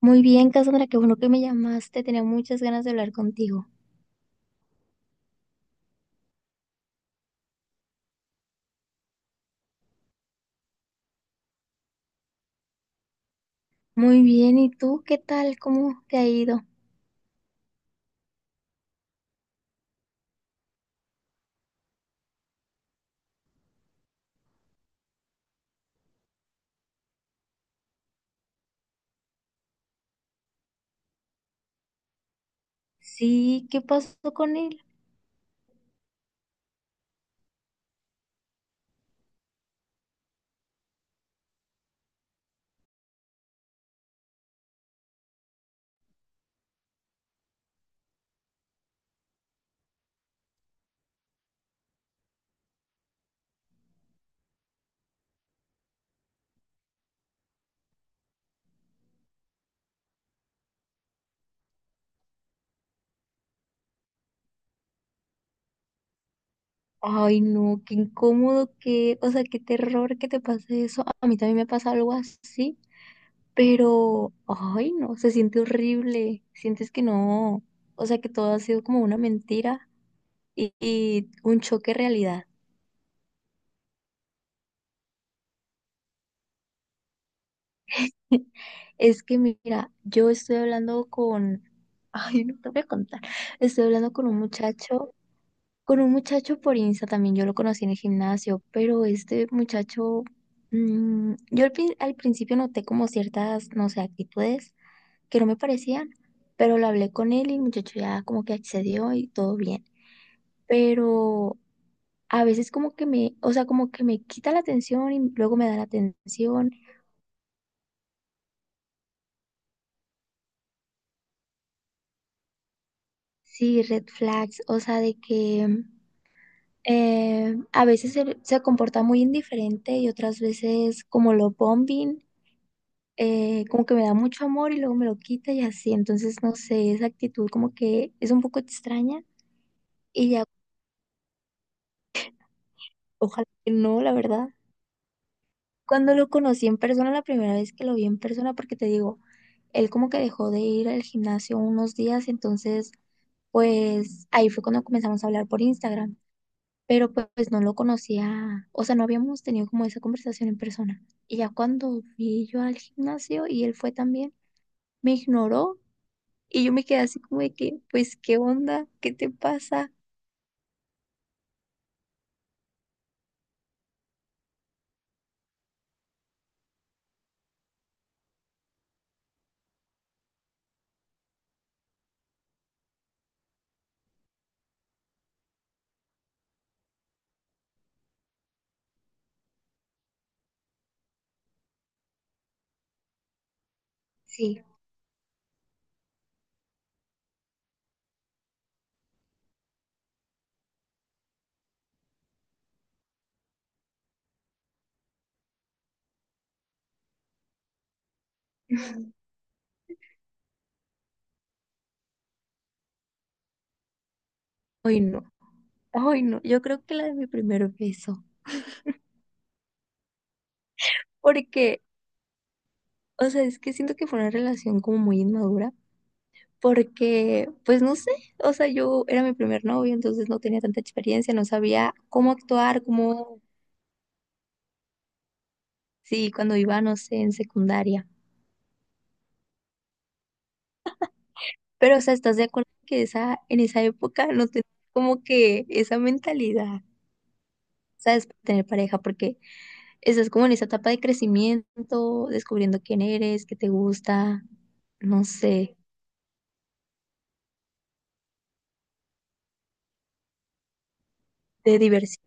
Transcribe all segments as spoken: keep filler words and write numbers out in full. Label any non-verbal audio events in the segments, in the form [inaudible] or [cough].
Muy bien, Cassandra, qué bueno que me llamaste. Tenía muchas ganas de hablar contigo. Muy bien, ¿y tú qué tal? ¿Cómo te ha ido? Sí, ¿qué pasó con él? Ay, no, qué incómodo, qué, o sea, qué terror que te pase eso. A mí también me pasa algo así, pero, ay, no, se siente horrible. Sientes que no, o sea, que todo ha sido como una mentira y, y un choque de realidad. [laughs] Es que mira, yo estoy hablando con, [laughs] ay, no te voy a contar, estoy hablando con un muchacho, con un muchacho por Insta también, yo lo conocí en el gimnasio, pero este muchacho, mm, yo al, prin- al principio noté como ciertas, no sé, actitudes que no me parecían, pero lo hablé con él y el muchacho ya como que accedió y todo bien, pero a veces como que me, o sea, como que me quita la atención y luego me da la atención, sí, red flags, o sea, de que... Eh, a veces se, se comporta muy indiferente y otras veces como lo bombing, eh, como que me da mucho amor y luego me lo quita y así. Entonces, no sé, esa actitud como que es un poco extraña y ya, ojalá que no, la verdad. Cuando lo conocí en persona, la primera vez que lo vi en persona, porque te digo, él como que dejó de ir al gimnasio unos días, entonces, pues ahí fue cuando comenzamos a hablar por Instagram. Pero pues, pues no lo conocía, o sea, no habíamos tenido como esa conversación en persona. Y ya cuando fui yo al gimnasio y él fue también, me ignoró y yo me quedé así como de que, pues, ¿qué onda? ¿Qué te pasa? Sí, hoy no, hoy no, yo creo que la de mi primer beso, porque, o sea, es que siento que fue una relación como muy inmadura. Porque, pues no sé, o sea, yo era mi primer novio, entonces no tenía tanta experiencia, no sabía cómo actuar, cómo, sí, cuando iba, no sé, en secundaria. Pero, o sea, ¿estás de acuerdo que esa, en esa época no tenías como que esa mentalidad, ¿sabes? Para tener pareja, porque estás como en esa etapa de crecimiento, descubriendo quién eres, qué te gusta, no sé, de diversidad.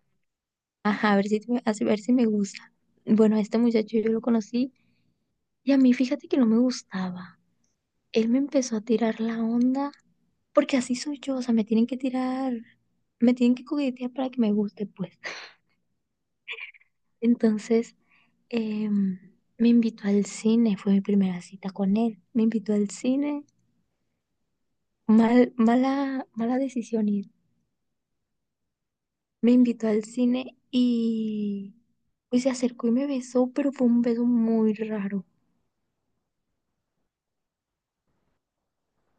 Ajá, a ver si, me- a si, ver si me gusta. Bueno, a este muchacho yo lo conocí y a mí fíjate que no me gustaba. Él me empezó a tirar la onda, porque así soy yo, o sea, me tienen que tirar, me tienen que coquetear para que me guste, pues. Entonces, em, me invitó al cine, fue mi primera cita con él. Me invitó al cine, mal, mala, mala decisión ir. Me invitó al cine y pues se acercó y me besó, pero fue un beso muy raro.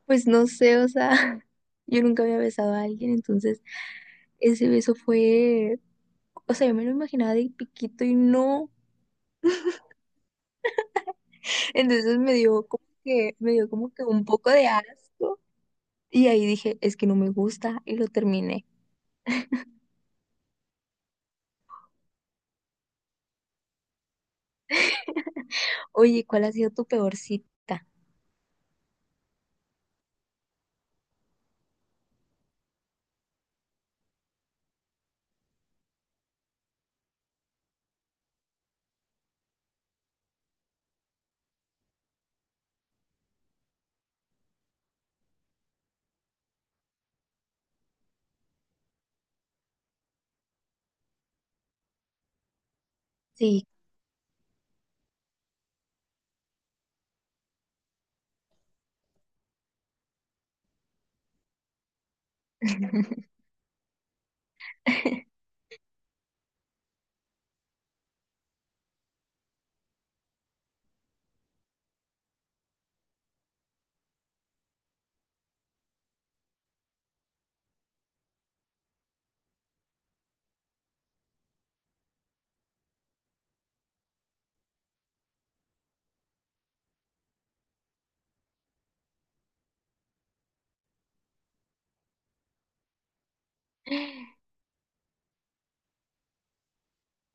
Pues no sé, o sea, [laughs] yo nunca había besado a alguien, entonces ese beso fue, o sea, yo me lo imaginaba de piquito y no. Entonces me dio como que, me dio como que un poco de asco. Y ahí dije, es que no me gusta y lo terminé. [laughs] Oye, ¿cuál ha sido tu peor cita? Sí. [laughs]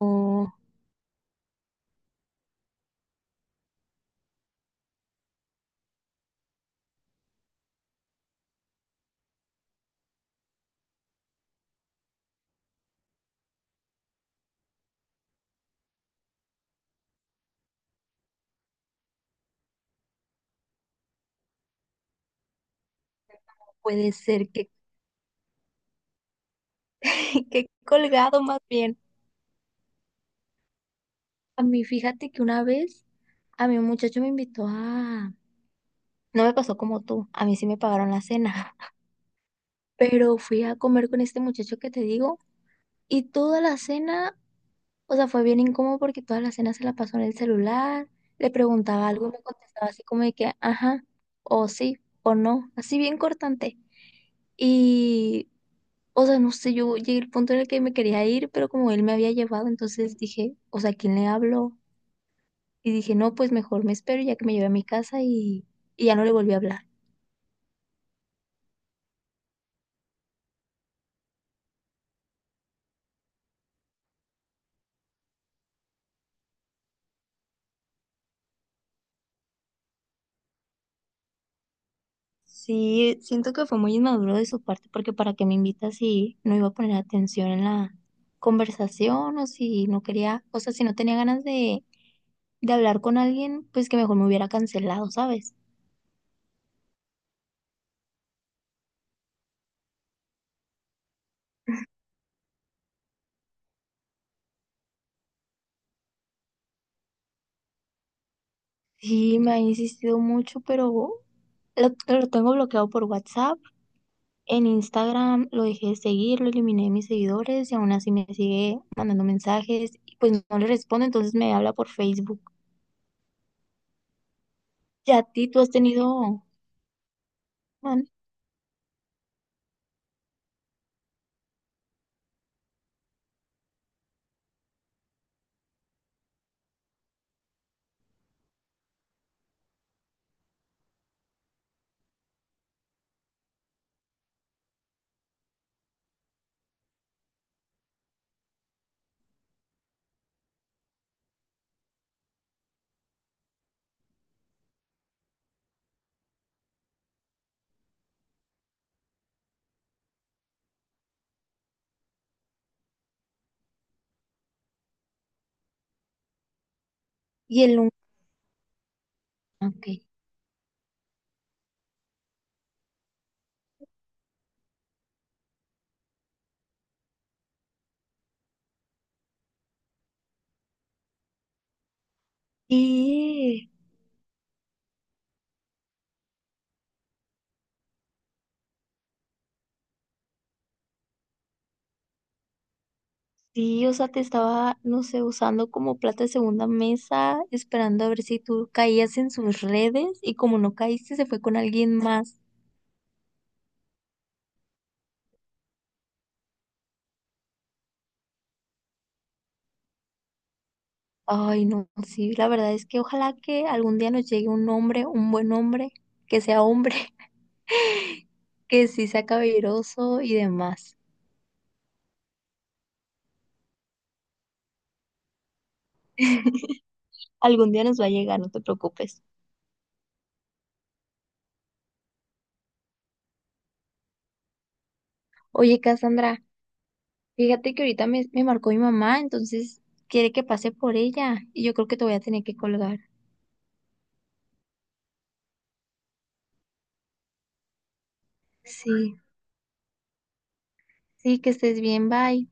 O puede ser que, [laughs] que he colgado más bien. A mí, fíjate que una vez a mi muchacho me invitó a, no me pasó como tú, a mí sí me pagaron la cena, [laughs] pero fui a comer con este muchacho que te digo y toda la cena, o sea, fue bien incómodo porque toda la cena se la pasó en el celular, le preguntaba algo y me contestaba así como de que, ajá, o sí, o no, así bien cortante. Y, o sea, no sé, yo llegué al punto en el que me quería ir, pero como él me había llevado, entonces dije, o sea, ¿a quién le hablo? Y dije, no, pues mejor me espero ya que me lleve a mi casa y, y ya no le volví a hablar. Sí, siento que fue muy inmaduro de su parte porque para qué me invita si no iba a poner atención en la conversación o si no quería, o sea, si no tenía ganas de, de hablar con alguien, pues que mejor me hubiera cancelado, ¿sabes? Sí, me ha insistido mucho, pero lo, lo tengo bloqueado por WhatsApp, en Instagram lo dejé de seguir, lo eliminé de mis seguidores y aún así me sigue mandando mensajes y pues no le respondo, entonces me habla por Facebook. Ya a ti, tú has tenido... Man. Y él nunca, ok. Y sí, o sea, te estaba, no sé, usando como plata de segunda mesa, esperando a ver si tú caías en sus redes y como no caíste, se fue con alguien más. Ay, no, sí, la verdad es que ojalá que algún día nos llegue un hombre, un buen hombre, que sea hombre, [laughs] que sí sea caballeroso y demás. Algún día nos va a llegar, no te preocupes. Oye, Cassandra, fíjate que ahorita me, me marcó mi mamá, entonces quiere que pase por ella y yo creo que te voy a tener que colgar. Sí. Sí, que estés bien, bye.